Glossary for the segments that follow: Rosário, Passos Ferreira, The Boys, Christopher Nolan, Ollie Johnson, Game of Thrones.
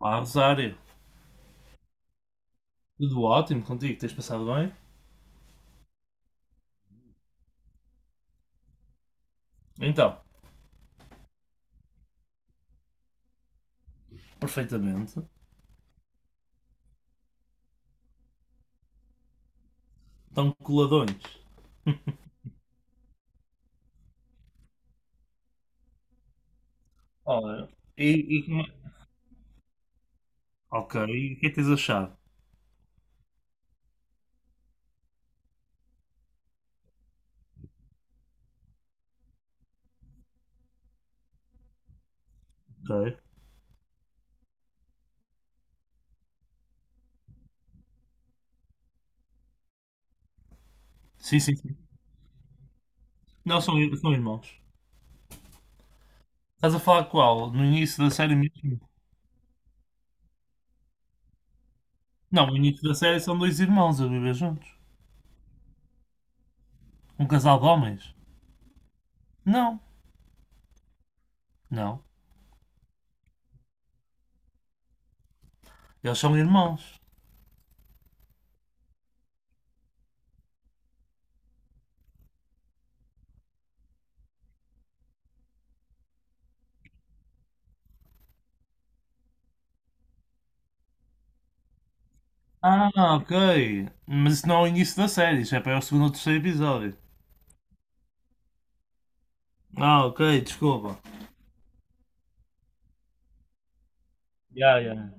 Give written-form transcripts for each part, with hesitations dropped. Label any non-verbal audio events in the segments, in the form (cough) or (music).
Olá, Rosário. Tudo ótimo contigo? Tens passado bem? Então, perfeitamente. Estão coladões. Olha, e, e como é- ok, e o que é que tens achado? Ok. Sim, sim, sim. Não, são irmãos. Estás a falar qual? No início da série mesmo? Não, no início da série são dois irmãos a viver juntos. Um casal de homens? Não, não. Eles são irmãos. Ah, ok. Mas isso não é o início da série, isso é para o segundo ou terceiro episódio. Ah, ok, desculpa. Ya, ya.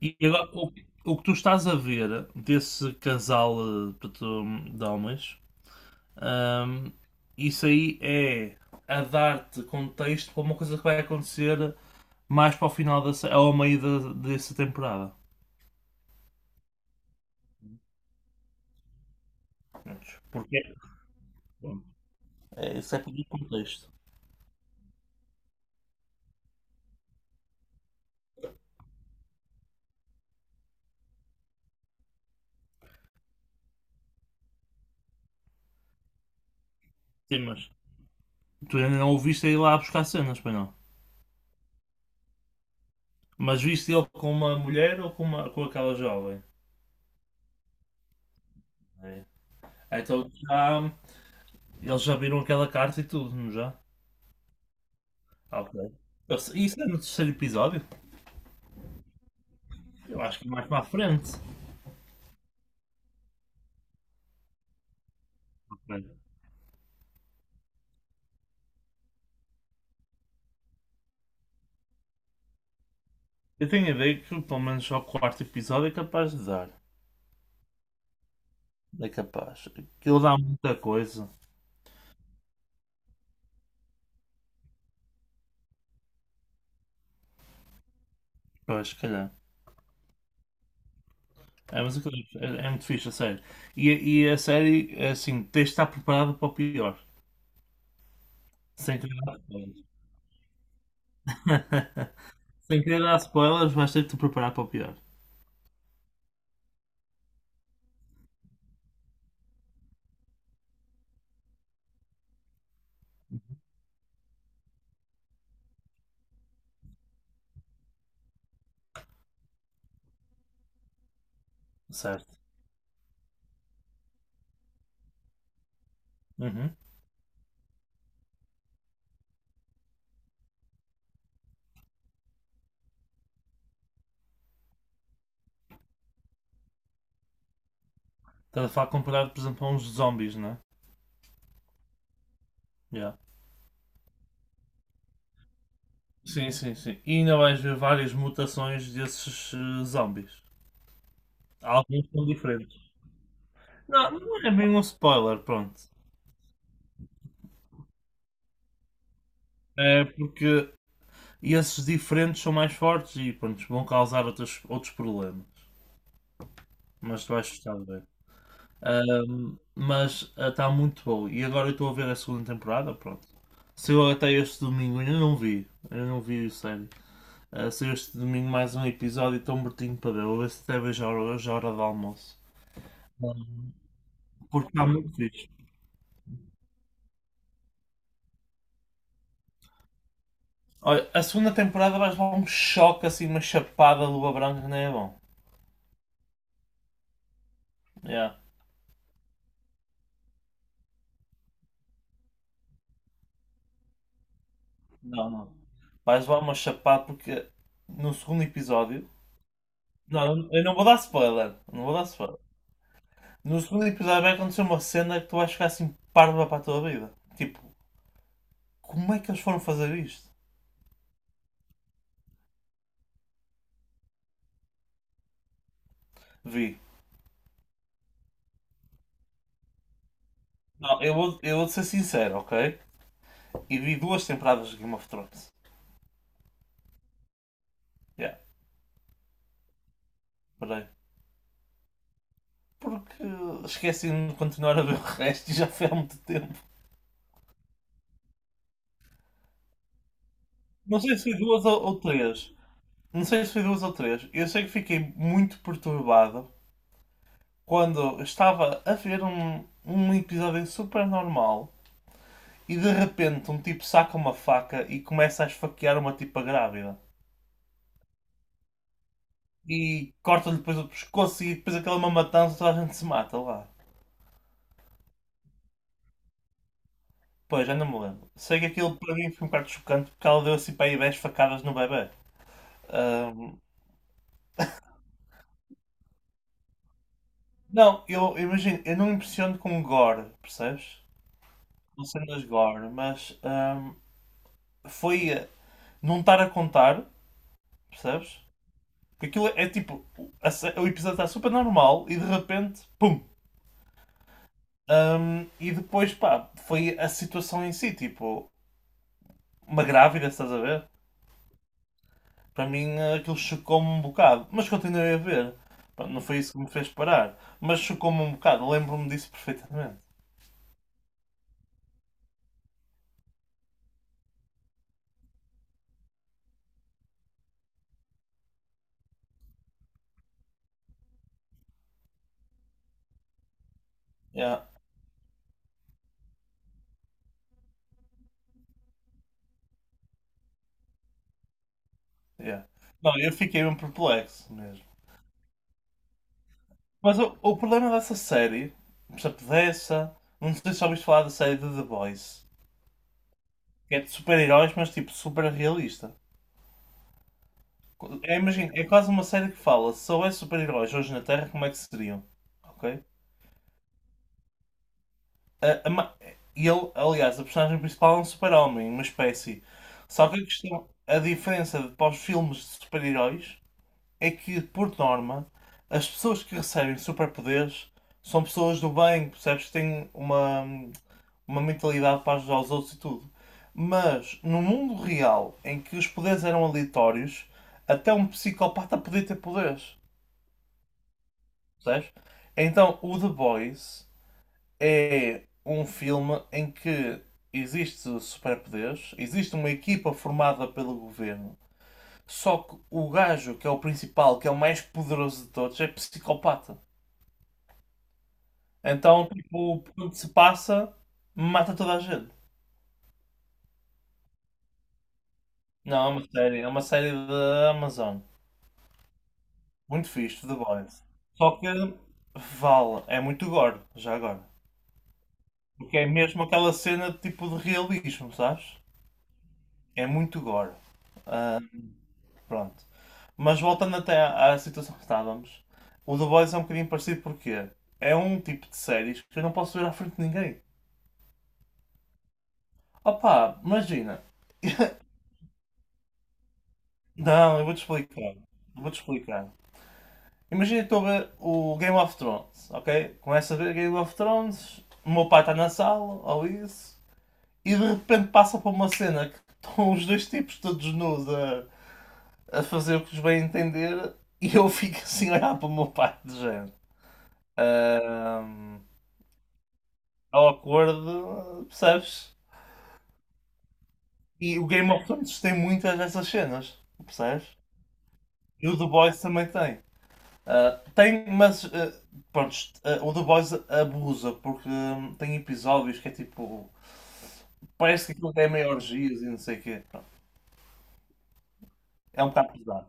E agora, o que tu estás a ver desse casal portanto, de homens, ahm, isso aí é a dar-te contexto para uma coisa que vai acontecer mais para o final dessa, ao meio da, dessa temporada. Prontos. Porque pronto, é, isso é para o contexto. Sim, mas tu ainda não o viste ir lá buscar cenas, pois não? Mas viste ele com uma mulher ou com aquela jovem? É. Então já, eles já viram aquela carta e tudo, não já? Ok. Isso é no terceiro episódio? Eu acho que é mais para a frente. Ok. Eu tenho a ideia que pelo menos ao quarto episódio é capaz de dar. É capaz. Aquilo dá muita coisa. Pois, se calhar. É, mas aquilo é muito fixe, a série. E a série, é assim, tens de estar preparado para o pior. Sem querer dar spoilers. (laughs) Sem querer dar spoilers, vais ter de te preparar para o pior. Certo. Uhum. Estás a falar comparado, por exemplo, a uns zombies, não é? Yeah. Sim, sim, sim. E ainda vais ver várias mutações desses zombies. Alguns são diferentes. Não, não é bem um spoiler, pronto. É porque esses diferentes são mais fortes e pronto, vão causar outros, problemas. Mas tu vais gostar de ver. Mas está muito bom. E agora eu estou a ver a segunda temporada, pronto. Saiu até este domingo, ainda não vi. Ainda não vi o série. Ah, saiu este domingo mais um episódio e estou mortinho para ver. Vou ver se até vejo a hora, hoje à hora do almoço. Porque está muito fixe. Olha, a segunda temporada vais levar um choque assim, uma chapada de luva branca que nem é bom. Yeah. Não, não. Vais levar uma chapada porque no segundo episódio. Não, eu não vou dar spoiler. Não vou dar spoiler. No segundo episódio vai acontecer uma cena que tu vais ficar assim parva para a tua vida. Tipo, como é que eles foram fazer isto? Vi. Não, eu vou ser sincero, ok? E vi duas temporadas de Game of Thrones. Yeah, peraí. Porque esqueci de continuar a ver o resto e já foi há muito tempo. Não sei se foi duas ou três. Não sei se foi duas ou três. Eu sei que fiquei muito perturbado quando estava a ver um episódio super normal e de repente um tipo saca uma faca e começa a esfaquear uma tipa grávida. E corta-lhe depois o pescoço e depois aquela é uma matança toda a gente se mata lá. Pois, já não me lembro. Sei que aquilo para mim foi um bocado chocante porque ela deu assim para aí 10 facadas no bebê. Ahm, não, eu imagino, eu não me impressiono com gore, percebes? Não sendo as Gore, mas foi não estar a contar, percebes? Porque aquilo é tipo, o episódio está super normal e de repente, pum! E depois, pá, foi a situação em si, tipo, uma grávida, estás a ver? Para mim aquilo chocou-me um bocado, mas continuei a ver. Pá, não foi isso que me fez parar, mas chocou-me um bocado, lembro-me disso perfeitamente. Yeah, yeah. Não, eu fiquei mesmo perplexo mesmo. Mas o problema dessa série, por exemplo, dessa, não sei se já ouviste falar da série de The Boys, que é de super-heróis, mas tipo super realista. É, imagina, é quase uma série que fala se houvesse super-heróis hoje na Terra, como é que seriam? Ok? A- a ma- e ele, aliás, a personagem principal é um super-homem, uma espécie. Só que a questão, a diferença para os filmes de super-heróis é que, por norma, as pessoas que recebem superpoderes são pessoas do bem, percebes? Que têm uma mentalidade para ajudar os outros e tudo. Mas no mundo real, em que os poderes eram aleatórios, até um psicopata podia ter poderes. Percebes? Então o The Boys é um filme em que existe superpoderes, existe uma equipa formada pelo governo. Só que o gajo que é o principal, que é o mais poderoso de todos, é psicopata. Então, tipo, por onde se passa, mata toda a gente. Não, é uma série da Amazon. Muito fixe, The Boys. Só que vale, é muito gore, já agora. Porque é mesmo aquela cena de tipo de realismo, sabes? É muito gore. Pronto. Mas voltando até à situação que estávamos, o The Boys é um bocadinho parecido porque é um tipo de séries que eu não posso ver à frente de ninguém. Opa, imagina. Não, eu vou-te explicar. Eu Vou-te explicar. Imagina que estou a ver o Game of Thrones, ok? Começo a ver Game of Thrones, o meu pai está na sala, ou isso. E de repente passa para uma cena que estão os dois tipos todos nus a fazer o que os bem entender e eu (laughs) fico assim a olhar para o meu pai de género. Ahm, awkward, percebes? E o Game of Thrones tem muitas dessas cenas, percebes? E o The Boys também tem. Ah, tem, mas ah, pronto, ah, o The Boys abusa porque tem episódios que é tipo. Parece que aquilo é meio orgias e não sei o quê. Pronto, é um bocado pesado.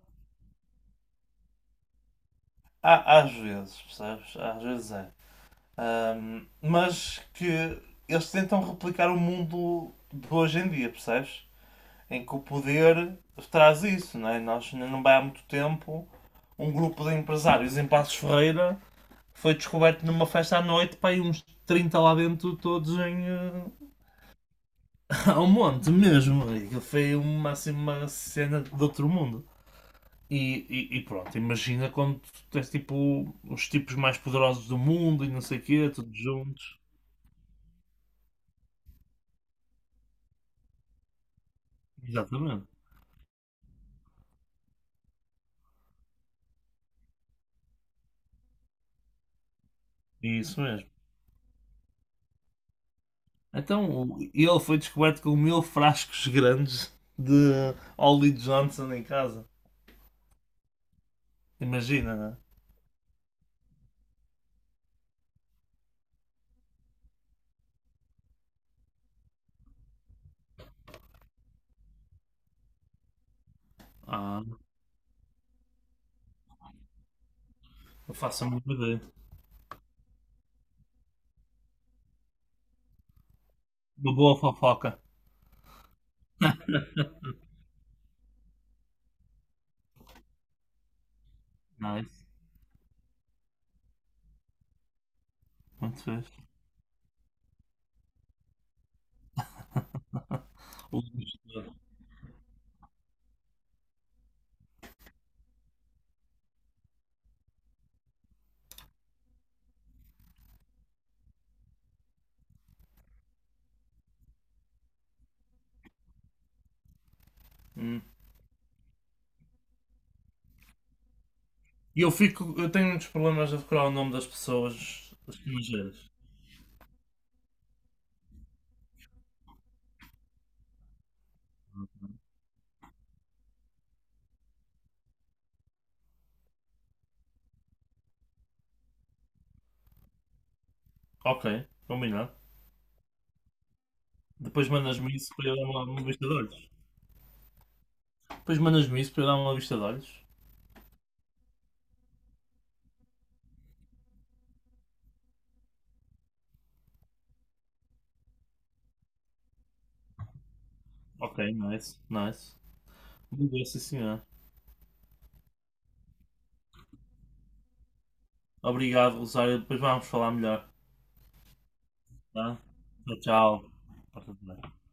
Há, às vezes, percebes? Às vezes é. Mas que eles tentam replicar o mundo de hoje em dia, percebes? Em que o poder traz isso, não é? Nós não vai há muito tempo um grupo de empresários em Passos Ferreira foi descoberto numa festa à noite, pá, e uns 30 lá dentro, todos em. (laughs) Ao monte mesmo. E aquilo foi uma, assim, uma cena de outro mundo. E pronto, imagina quando tens tipo os tipos mais poderosos do mundo e não sei o quê, todos juntos. Exatamente. Isso mesmo. Então, ele foi descoberto com 1.000 frascos grandes de Ollie Johnson em casa. Imagina, né? Ah, eu faço a minha ideia. Uma boa fofoca. Nice. Muito fixe. O investidor. Hum. E eu fico. Eu tenho muitos problemas a decorar o nome das pessoas estrangeiras. Ok, combinado. Depois mandas-me isso para eu dar uma vista de olhos. Depois mandas-me isso para eu dar uma vista de olhos. Ok, nice, nice. Muito bem, sim senhor. Obrigado, Rosário. Depois vamos falar melhor. Tá? Tchau, tchau. Tá tudo bem.